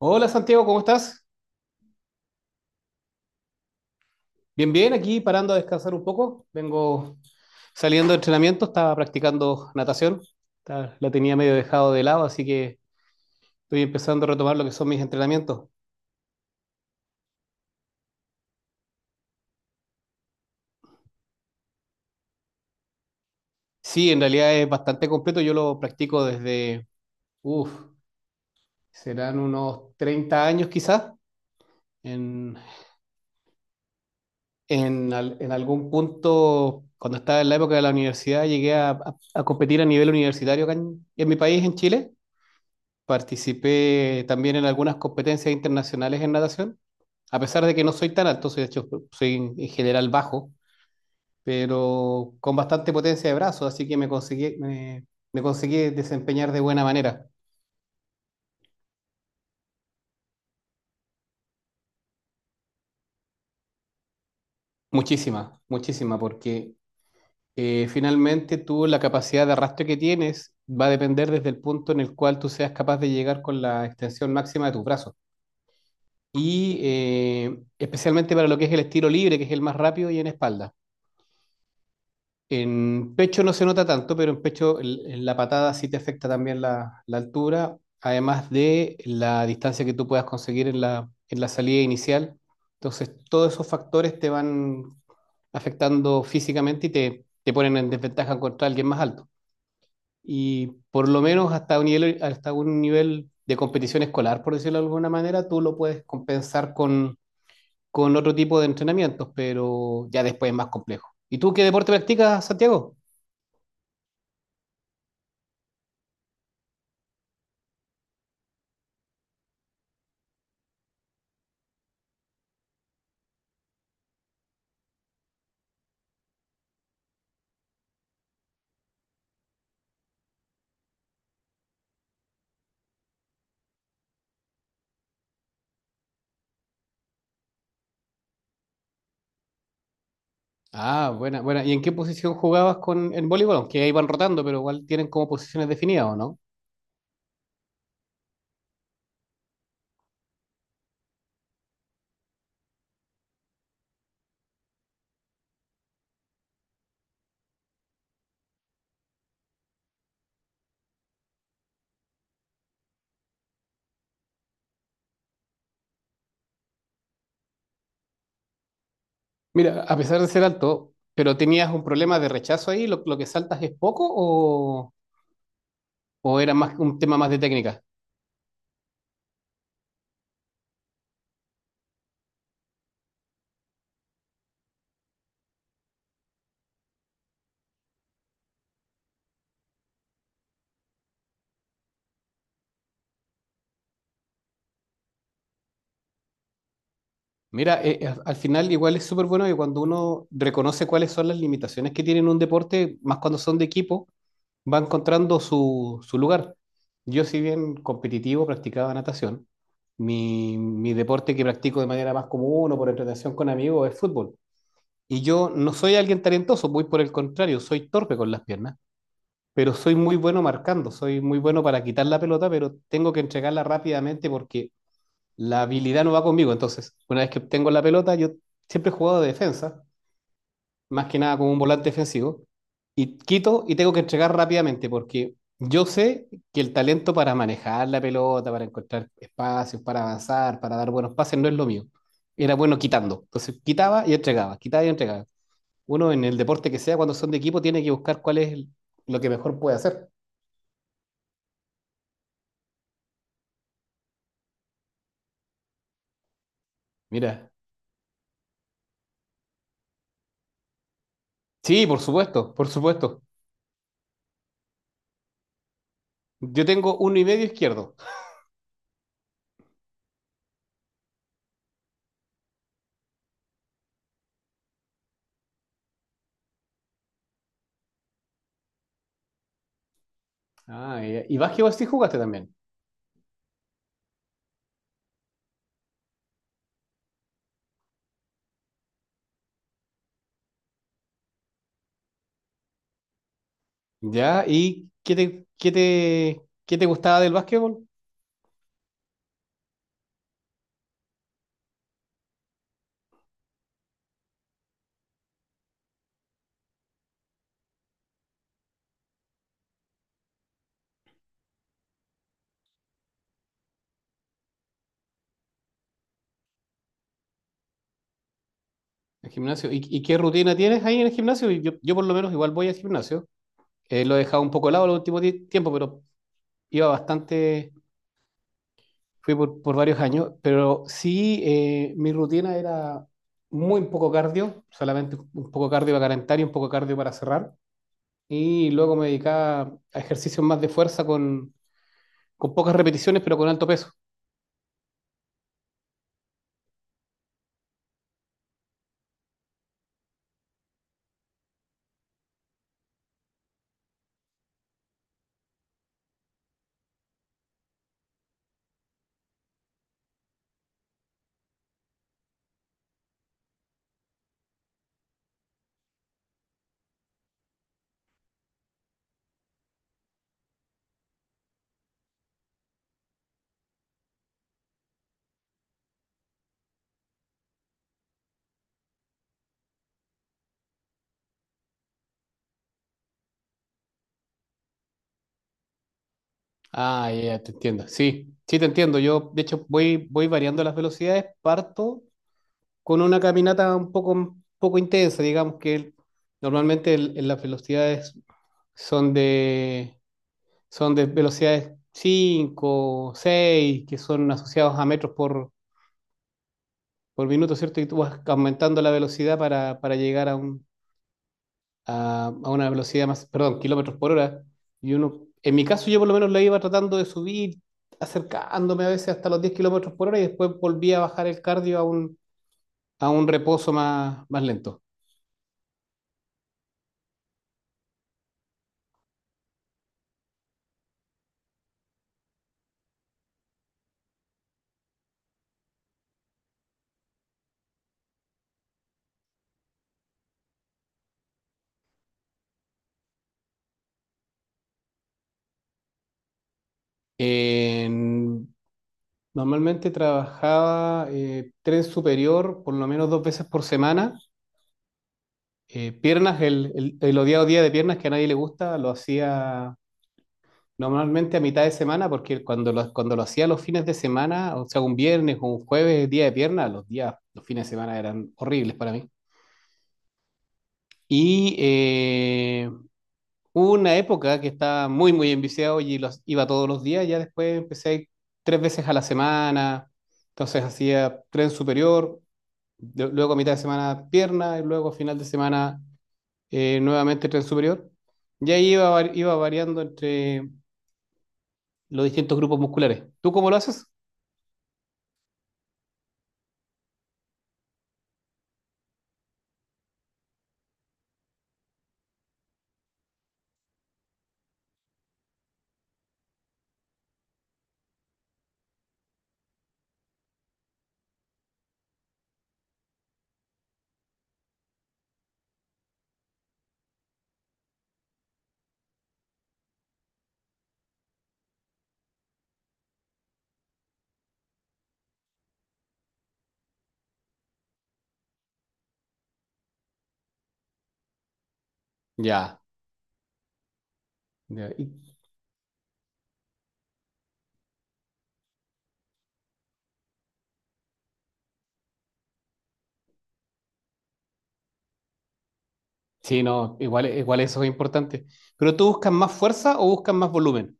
Hola Santiago, ¿cómo estás? Bien, bien, aquí parando a descansar un poco. Vengo saliendo de entrenamiento, estaba practicando natación. La tenía medio dejado de lado, así que estoy empezando a retomar lo que son mis entrenamientos. Sí, en realidad es bastante completo. Yo lo practico desde, uff, serán unos 30 años quizás. En, en algún punto, cuando estaba en la época de la universidad, llegué a competir a nivel universitario acá en mi país, en Chile. Participé también en algunas competencias internacionales en natación, a pesar de que no soy tan alto, soy, de hecho, soy en general bajo, pero con bastante potencia de brazos, así que me conseguí desempeñar de buena manera. Muchísima, muchísima, porque finalmente tú la capacidad de arrastre que tienes va a depender desde el punto en el cual tú seas capaz de llegar con la extensión máxima de tus brazos. Y especialmente para lo que es el estilo libre, que es el más rápido y en espalda. En pecho no se nota tanto, pero en pecho en la patada sí te afecta también la altura, además de la distancia que tú puedas conseguir en la salida inicial. Entonces, todos esos factores te van afectando físicamente y te ponen en desventaja contra alguien más alto. Y por lo menos hasta un nivel de competición escolar, por decirlo de alguna manera, tú lo puedes compensar con otro tipo de entrenamientos, pero ya después es más complejo. ¿Y tú qué deporte practicas, Santiago? Ah, buena, buena. ¿Y en qué posición jugabas con en voleibol? Aunque ahí van rotando, pero igual tienen como posiciones definidas, ¿o no? Mira, a pesar de ser alto, pero tenías un problema de rechazo ahí, lo que saltas es poco o era más un tema más de técnica. Mira, al final igual es súper bueno que cuando uno reconoce cuáles son las limitaciones que tiene en un deporte, más cuando son de equipo, va encontrando su lugar. Yo, si bien competitivo, practicaba natación. Mi deporte que practico de manera más común o por entretención con amigos es fútbol. Y yo no soy alguien talentoso, muy por el contrario, soy torpe con las piernas, pero soy muy bueno marcando, soy muy bueno para quitar la pelota, pero tengo que entregarla rápidamente porque la habilidad no va conmigo. Entonces, una vez que obtengo la pelota, yo siempre he jugado de defensa más que nada como un volante defensivo, y quito y tengo que entregar rápidamente, porque yo sé que el talento para manejar la pelota, para encontrar espacios, para avanzar, para dar buenos pases, no es lo mío. Era bueno quitando. Entonces quitaba y entregaba, quitaba y entregaba. Uno en el deporte que sea, cuando son de equipo, tiene que buscar cuál es lo que mejor puede hacer. Mira. Sí, por supuesto, por supuesto. Yo tengo uno y medio izquierdo. Ah, ya. Y básquetbol sí jugaste también. Ya, ¿y qué te gustaba del básquetbol? El gimnasio. ¿Y qué rutina tienes ahí en el gimnasio? Yo por lo menos igual voy al gimnasio. Lo he dejado un poco de lado el último tiempo, pero iba bastante, fui por varios años. Pero sí, mi rutina era muy poco cardio, solamente un poco cardio para calentar y un poco cardio para cerrar. Y luego me dedicaba a ejercicios más de fuerza con pocas repeticiones, pero con alto peso. Ah, ya, te entiendo. Sí, sí, te entiendo. Yo, de hecho, voy variando las velocidades, parto con una caminata un poco intensa, digamos que normalmente en las velocidades son de, son de velocidades 5 6 que son asociados a metros por minuto, ¿cierto? Y tú vas aumentando la velocidad para llegar a una velocidad más, perdón, kilómetros por hora. Y uno, en mi caso yo por lo menos la iba tratando de subir, acercándome a veces hasta los 10 kilómetros por hora y después volvía a bajar el cardio a un reposo más lento. En- Normalmente trabajaba tren superior por lo menos 2 veces por semana. Piernas, el odiado día de piernas que a nadie le gusta, lo hacía normalmente a mitad de semana, porque cuando lo hacía los fines de semana, o sea, un viernes o un jueves, día de piernas, los fines de semana eran horribles para mí. Y hubo una época que estaba muy, muy enviciado y los iba todos los días. Ya después empecé a ir 3 veces a la semana. Entonces hacía tren superior, luego a mitad de semana pierna y luego a final de semana nuevamente tren superior. Y ahí iba variando entre los distintos grupos musculares. ¿Tú cómo lo haces? Ya. Ya. Sí, no, igual eso es importante. ¿Pero tú buscas más fuerza o buscas más volumen?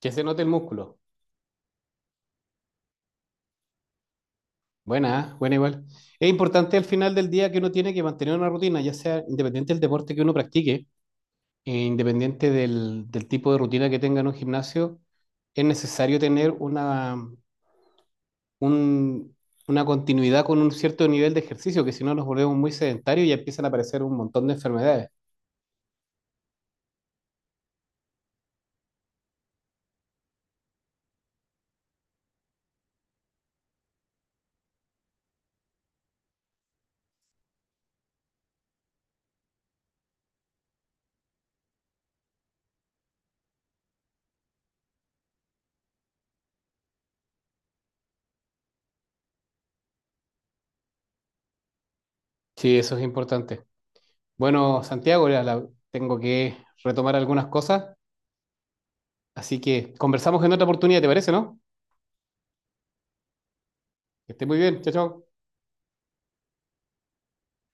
Que se note el músculo. Buena, ¿eh? Buena igual. Es importante al final del día que uno tiene que mantener una rutina, ya sea independiente del deporte que uno practique, e independiente del tipo de rutina que tenga en un gimnasio, es necesario tener un- una continuidad con un cierto nivel de ejercicio, que si no nos volvemos muy sedentarios y empiezan a aparecer un montón de enfermedades. Sí, eso es importante. Bueno, Santiago, ya tengo que retomar algunas cosas, así que conversamos en otra oportunidad, ¿te parece, no? Que esté muy bien, chao, chao.